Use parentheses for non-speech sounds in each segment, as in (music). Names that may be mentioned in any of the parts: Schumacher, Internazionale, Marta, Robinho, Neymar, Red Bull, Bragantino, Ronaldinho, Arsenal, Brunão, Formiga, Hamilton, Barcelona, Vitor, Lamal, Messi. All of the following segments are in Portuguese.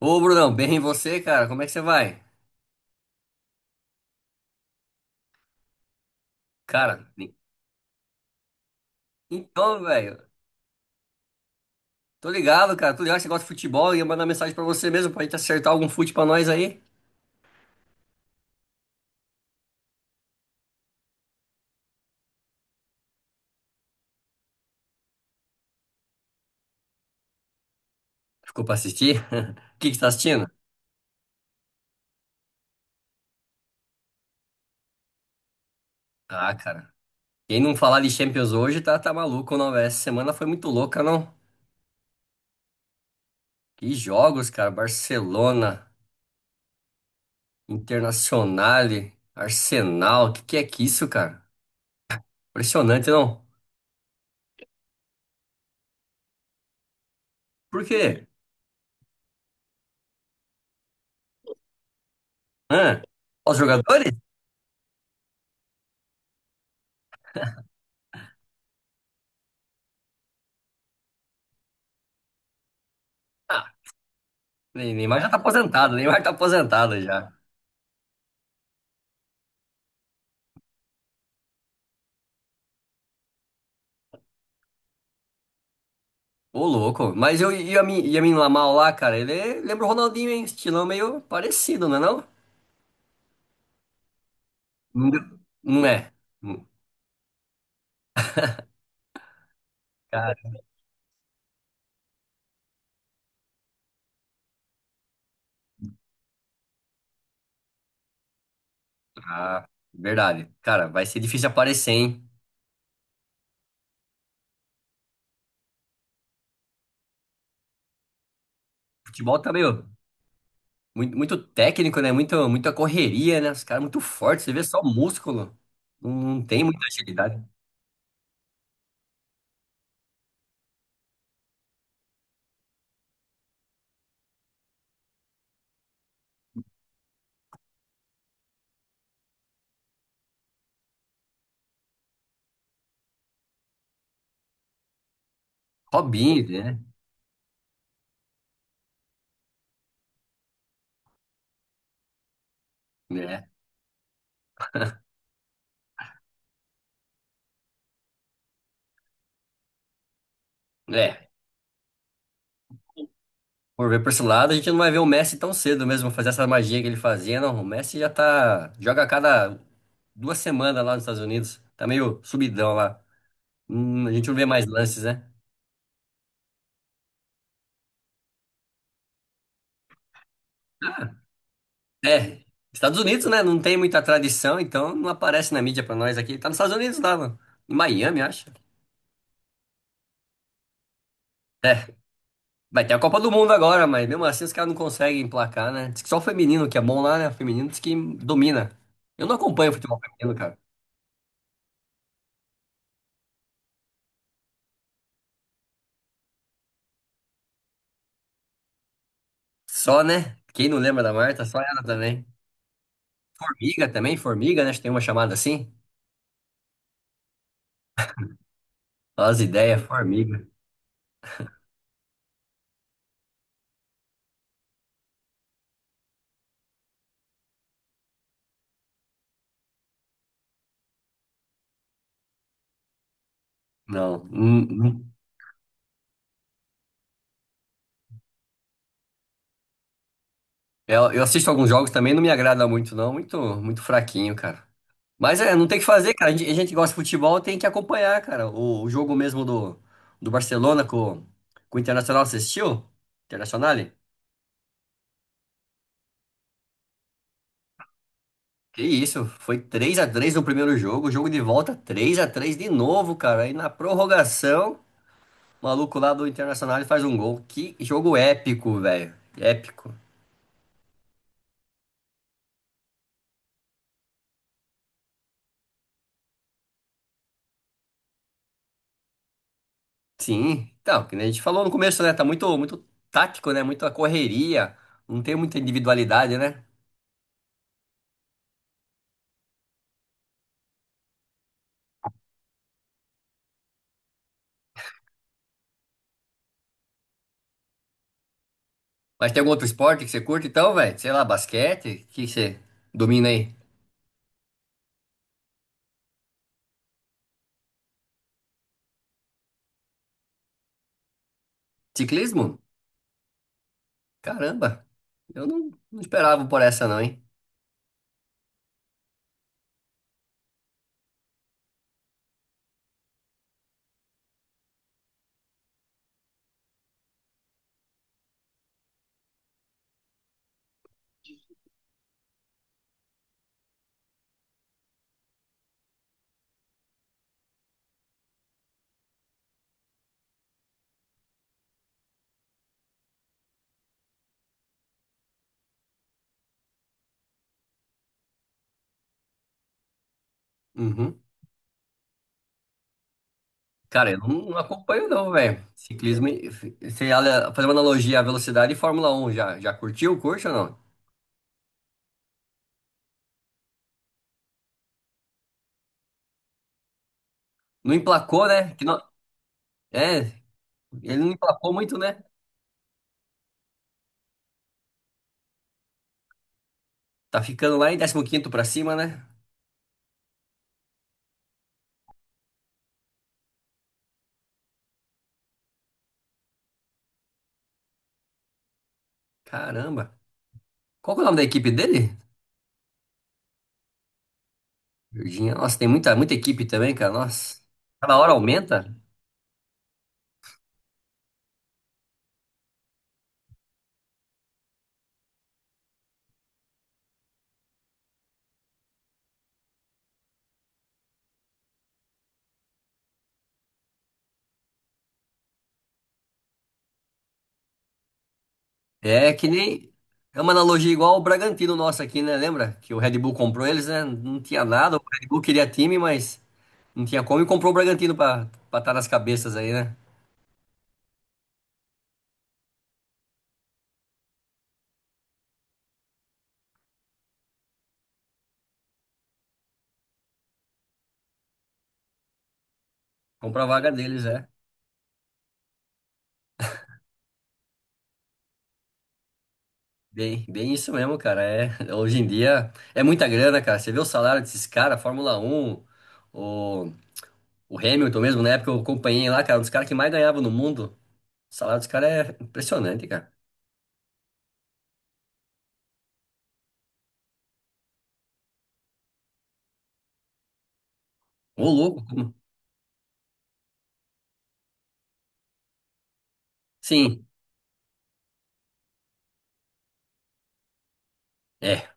Ô, Brunão, bem e você, cara? Como é que você vai? Cara, então, velho, tô ligado, cara. Tô ligado que você gosta de futebol e ia mandar mensagem pra você mesmo pra gente acertar algum fute pra nós aí. Ficou pra assistir? (laughs) O que que você tá assistindo? Ah, cara, quem não falar de Champions hoje tá maluco, não, velho? Essa semana foi muito louca, não? Que jogos, cara. Barcelona, Internazionale, Arsenal. Que é que isso, cara? Impressionante, não? Por quê? Hã? Os jogadores? Ah, Neymar já tá aposentado, Neymar tá aposentado já. Ô, louco. Mas eu, e a mim Lamal lá, cara, lembra o Ronaldinho, hein? Estilão meio parecido, não é não? Não é. Hum. Cara, ah, verdade. Cara, vai ser difícil aparecer, hein? Futebol tá meio muito, muito técnico, né? Muito, muita correria, né? Os caras muito fortes, você vê só músculo. Não, não tem muita agilidade. Robinho, né? É. É. Por ver por esse lado, a gente não vai ver o Messi tão cedo mesmo fazer essa magia que ele fazia, não. O Messi já tá. Joga a cada duas semanas lá nos Estados Unidos. Tá meio subidão lá. A gente não vê mais lances, né? É. Estados Unidos, né? Não tem muita tradição, então não aparece na mídia pra nós aqui. Tá nos Estados Unidos lá, mano. Em Miami, acho. É. Vai ter a Copa do Mundo agora, mas mesmo assim os caras não conseguem emplacar, né? Diz que só o feminino que é bom lá, né? O feminino diz que domina. Eu não acompanho futebol feminino, cara. Só, né? Quem não lembra da Marta, só ela também. Formiga também, formiga, né? Acho que tem uma chamada assim. Olha as ideias, formiga. Não. Hum, hum. Eu assisto alguns jogos também, não me agrada muito, não. Muito, muito fraquinho, cara. Mas é, não tem o que fazer, cara. A gente que gosta de futebol, tem que acompanhar, cara. O jogo mesmo do Barcelona com o Internacional, você assistiu? Internacional? Que isso, foi 3-3 no primeiro jogo, jogo de volta 3-3 de novo, cara. Aí na prorrogação, o maluco lá do Internacional faz um gol. Que jogo épico, velho. Épico. Sim, então, que nem a gente falou no começo, né? Tá muito, muito tático, né? Muita correria, não tem muita individualidade, né? Mas tem algum outro esporte que você curte, então, velho? Sei lá, basquete, o que que você domina aí? Ciclismo? Caramba, eu não esperava por essa, não, hein? Uhum. Cara, eu não acompanho, não, velho. Ciclismo, você fazer uma analogia à velocidade e Fórmula 1 já curtiu, curte ou não? Não emplacou, né? Que não, é, ele não emplacou muito, né? Tá ficando lá em 15º pra cima, né? Caramba. Qual que é o nome da equipe dele? Virgínia. Nossa, tem muita, muita equipe também, cara. Nossa. Cada hora aumenta. É que nem. É uma analogia igual ao Bragantino nosso aqui, né? Lembra? Que o Red Bull comprou eles, né? Não tinha nada. O Red Bull queria time, mas não tinha como e comprou o Bragantino pra estar nas cabeças aí, né? Comprar a vaga deles, é. Bem, bem isso mesmo, cara. É, (laughs) hoje em dia é muita grana, cara. Você vê o salário desses caras, Fórmula 1, o, o Hamilton mesmo, na época eu acompanhei lá, cara, um dos caras que mais ganhava no mundo. O salário dos caras é impressionante, cara. Ô, louco, como? Sim, é.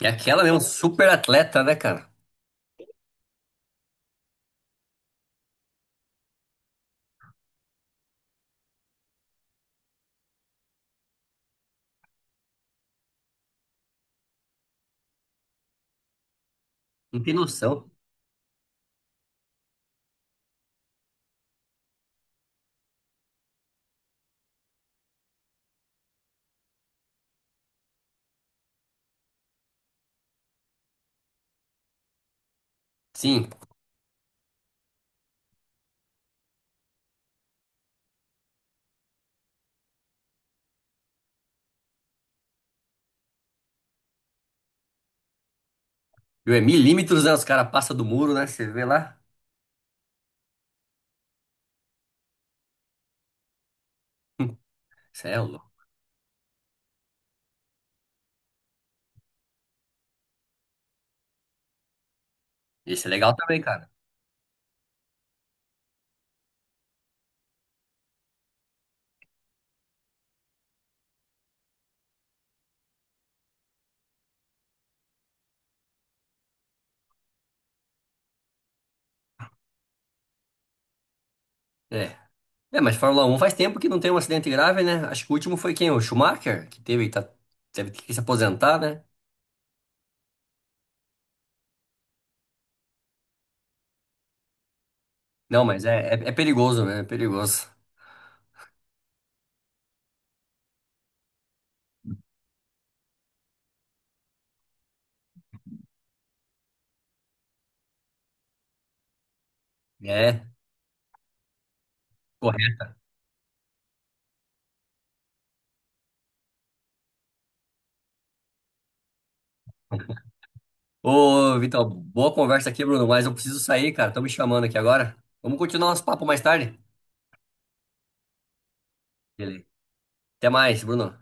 É aquela mesmo, super atleta, né, cara? Não tem noção. Sim. Viu, é milímetros, né? Os caras passam do muro, né? Você vê lá. Hum, Isso é louco. Isso é legal também, cara. É. É, mas Fórmula 1 faz tempo que não tem um acidente grave, né? Acho que o último foi quem? O Schumacher, que teve que se aposentar, né? Não, mas é perigoso, né? É perigoso. É. Correr Ô, Vitor, boa conversa aqui, Bruno, mas eu preciso sair, cara. Estão me chamando aqui agora. Vamos continuar nosso papo mais tarde? Beleza. Até mais, Bruno.